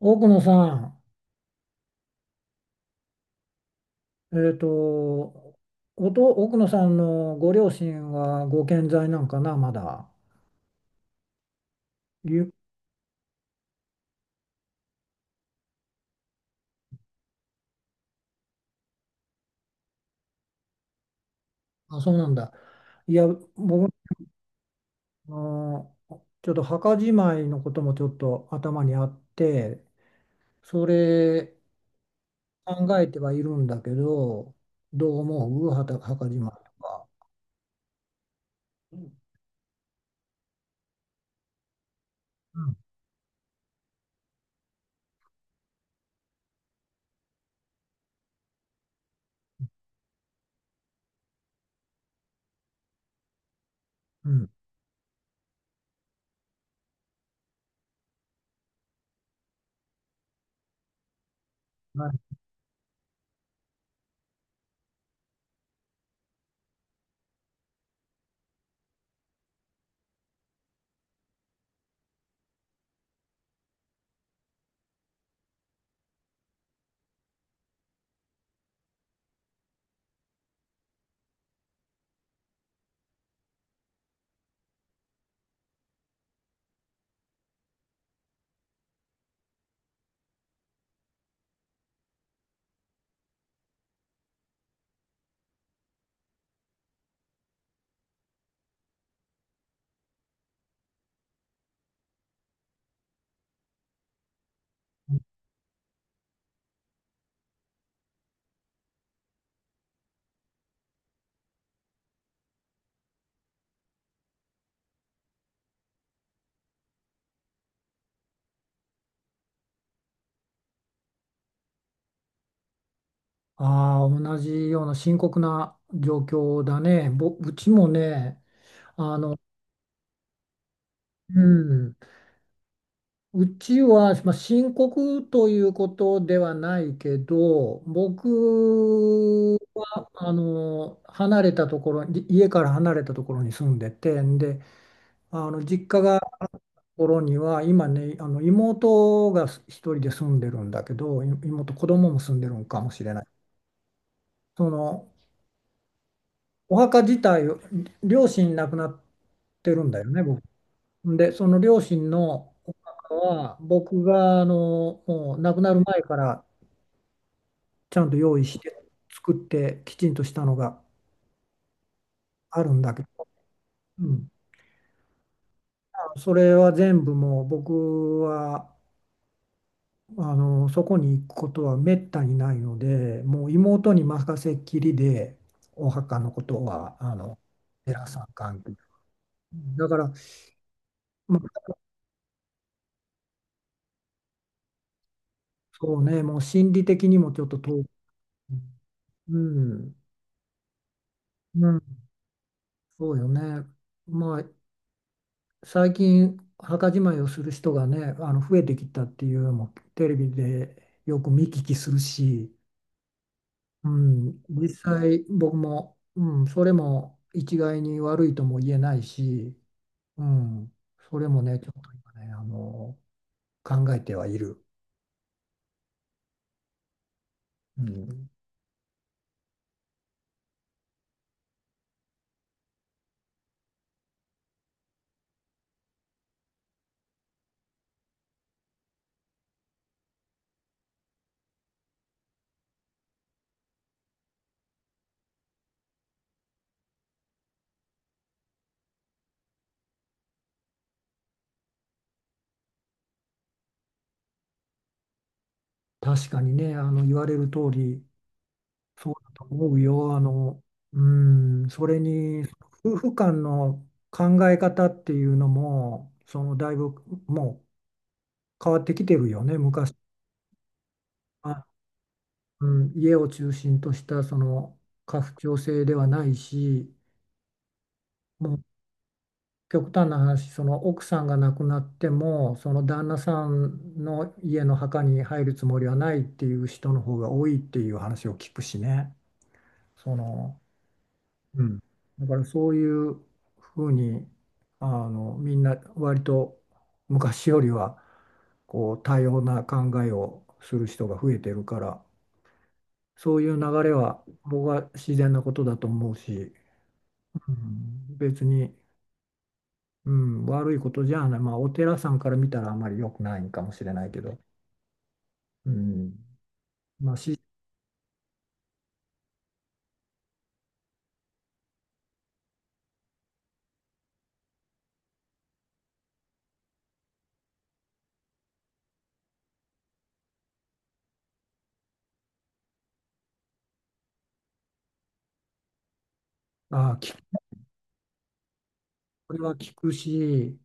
奥野さん、えっと、奥野さんのご両親はご健在なんかな、まだ。ゆあ、そうなんだ。いや、僕、あのちょっと墓じまいのこともちょっと頭にあって、それ考えてはいるんだけど、どう思う墓じまいとか。うん、うん、はい。ああ、同じような深刻な状況だね。うちもね、あの、うん、うちは、まあ、深刻ということではないけど、僕は離れたところに、家から離れたところに住んでて、で、実家があるところには、今ね、妹が一人で住んでるんだけど、妹、子供も住んでるんかもしれない。そのお墓自体を、両親亡くなってるんだよね、僕。で、その両親のお墓は、僕がもう亡くなる前からちゃんと用意して作ってきちんとしたのがあるんだけど、うん、それは全部もう僕はそこに行くことはめったにないのでもう妹に任せっきりでお墓のことは寺さん関係だから、まあ、そうねもう心理的にもちょっと遠く。うん、うん、そうよね。まあ最近墓じまいをする人がね増えてきたっていうのもテレビでよく見聞きするし、うん、実際僕も、うん、それも一概に悪いとも言えないし、うん、それもねちょっと今ね考えてはいる。うん、確かにね言われる通りそうだと思うよ。うん、それに夫婦間の考え方っていうのもだいぶもう変わってきてるよね、昔は。うん、家を中心としたその家父長制ではないし、もう極端な話、その奥さんが亡くなっても、その旦那さんの家の墓に入るつもりはないっていう人の方が多いっていう話を聞くしね。その、うん。だからそういうふうに、みんな割と昔よりはこう多様な考えをする人が増えてるから。そういう流れは僕は自然なことだと思うし、うん、別に、うん、悪いことじゃない、まあ、お寺さんから見たらあまり良くないんかもしれないけど、うん、まあ、あ、きこれは聞くし、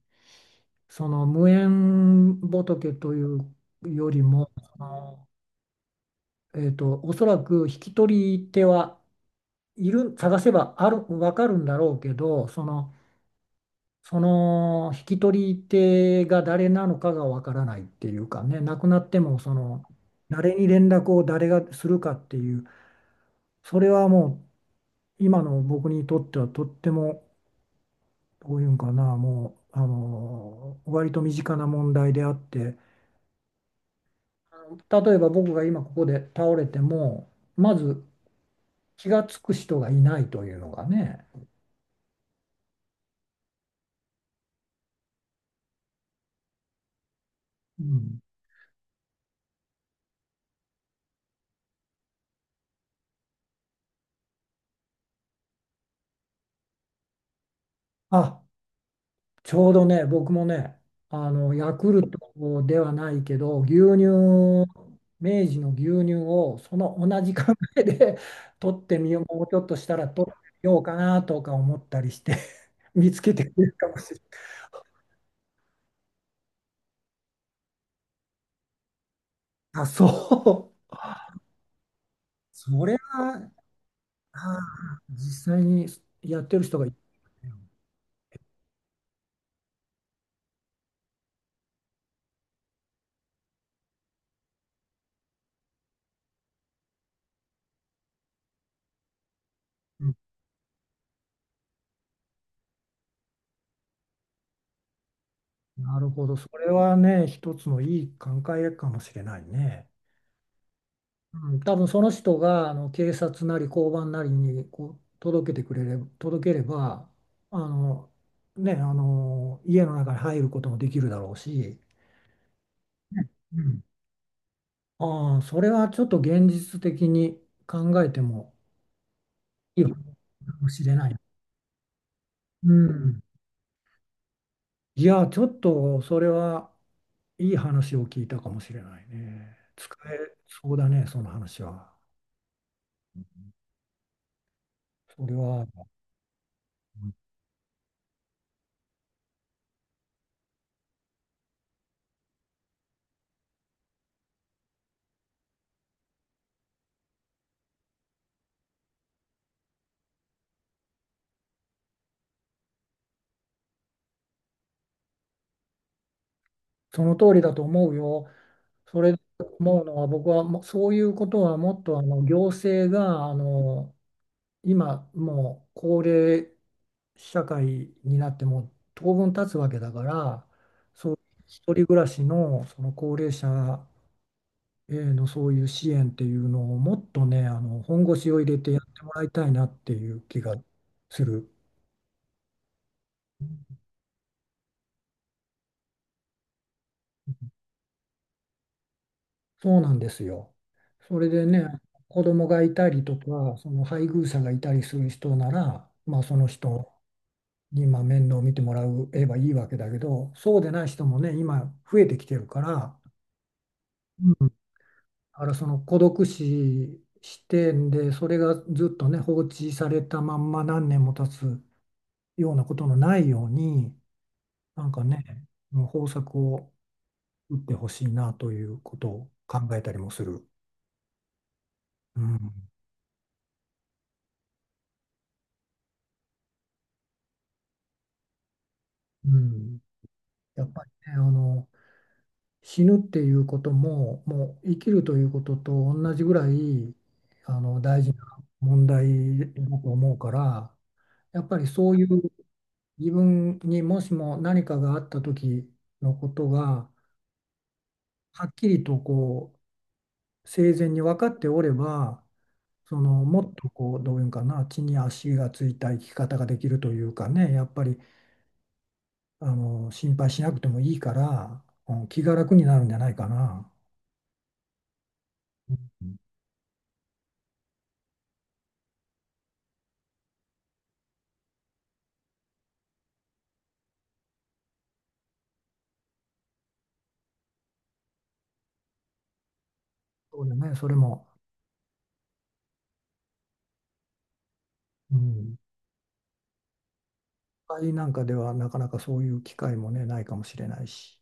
その無縁仏というよりも、そのおそらく引き取り手はいる、探せばある、分かるんだろうけど、その引き取り手が誰なのかがわからないっていうかね、亡くなっても誰に連絡を誰がするかっていう、それはもう今の僕にとってはとっても、どういうんかな、もう、割と身近な問題であって、例えば僕が今ここで倒れても、まず気がつく人がいないというのがね、うん、あ、ちょうどね、僕もね、ヤクルトではないけど、牛乳、明治の牛乳をその同じ考えで 取ってみよう、もうちょっとしたら取ってみようかなとか思ったりして 見つけてくれるかもしれない。あ、そう。それは、あ実際にやってる人がいる。うん、なるほど。それはね、一つのいい考えかもしれないね。うん、多分その人が警察なり交番なりにこう届けてくれれば、届ければあの、ね、家の中に入ることもできるだろうし、うん。ああ、それはちょっと現実的に考えてもいいかもしれない。うん。いや、ちょっとそれはいい話を聞いたかもしれないね。使えそうだね、その話は。それは、その通りだと思うよ。それで思うのは僕はもうそういうことはもっと行政が今もう高齢社会になってもう当分経つわけだからそう一人暮らしのその高齢者へのそういう支援っていうのをもっとね本腰を入れてやってもらいたいなっていう気がする。そうなんですよ。それでね子供がいたりとかその配偶者がいたりする人ならまあその人に、まあ、面倒を見てもらえばいいわけだけど、そうでない人もね、今増えてきてるから、うん、だからその孤独死視点で、それがずっとね、放置されたまんま何年も経つようなことのないように、なんかね、もう方策を打ってほしいなということを考えたりもする。うん。うん。やっぱりね、死ぬっていうことも、もう生きるということと同じぐらい大事な問題だと思うから、やっぱりそういう自分にもしも何かがあった時のことがはっきりとこう生前に分かっておれば、もっとこうどういうんかな、地に足がついた生き方ができるというかね、やっぱり心配しなくてもいいから、うん気が楽になるんじゃないかな。うん、そうだね、それも。うん、会なんかではなかなかそういう機会もね、ないかもしれないし。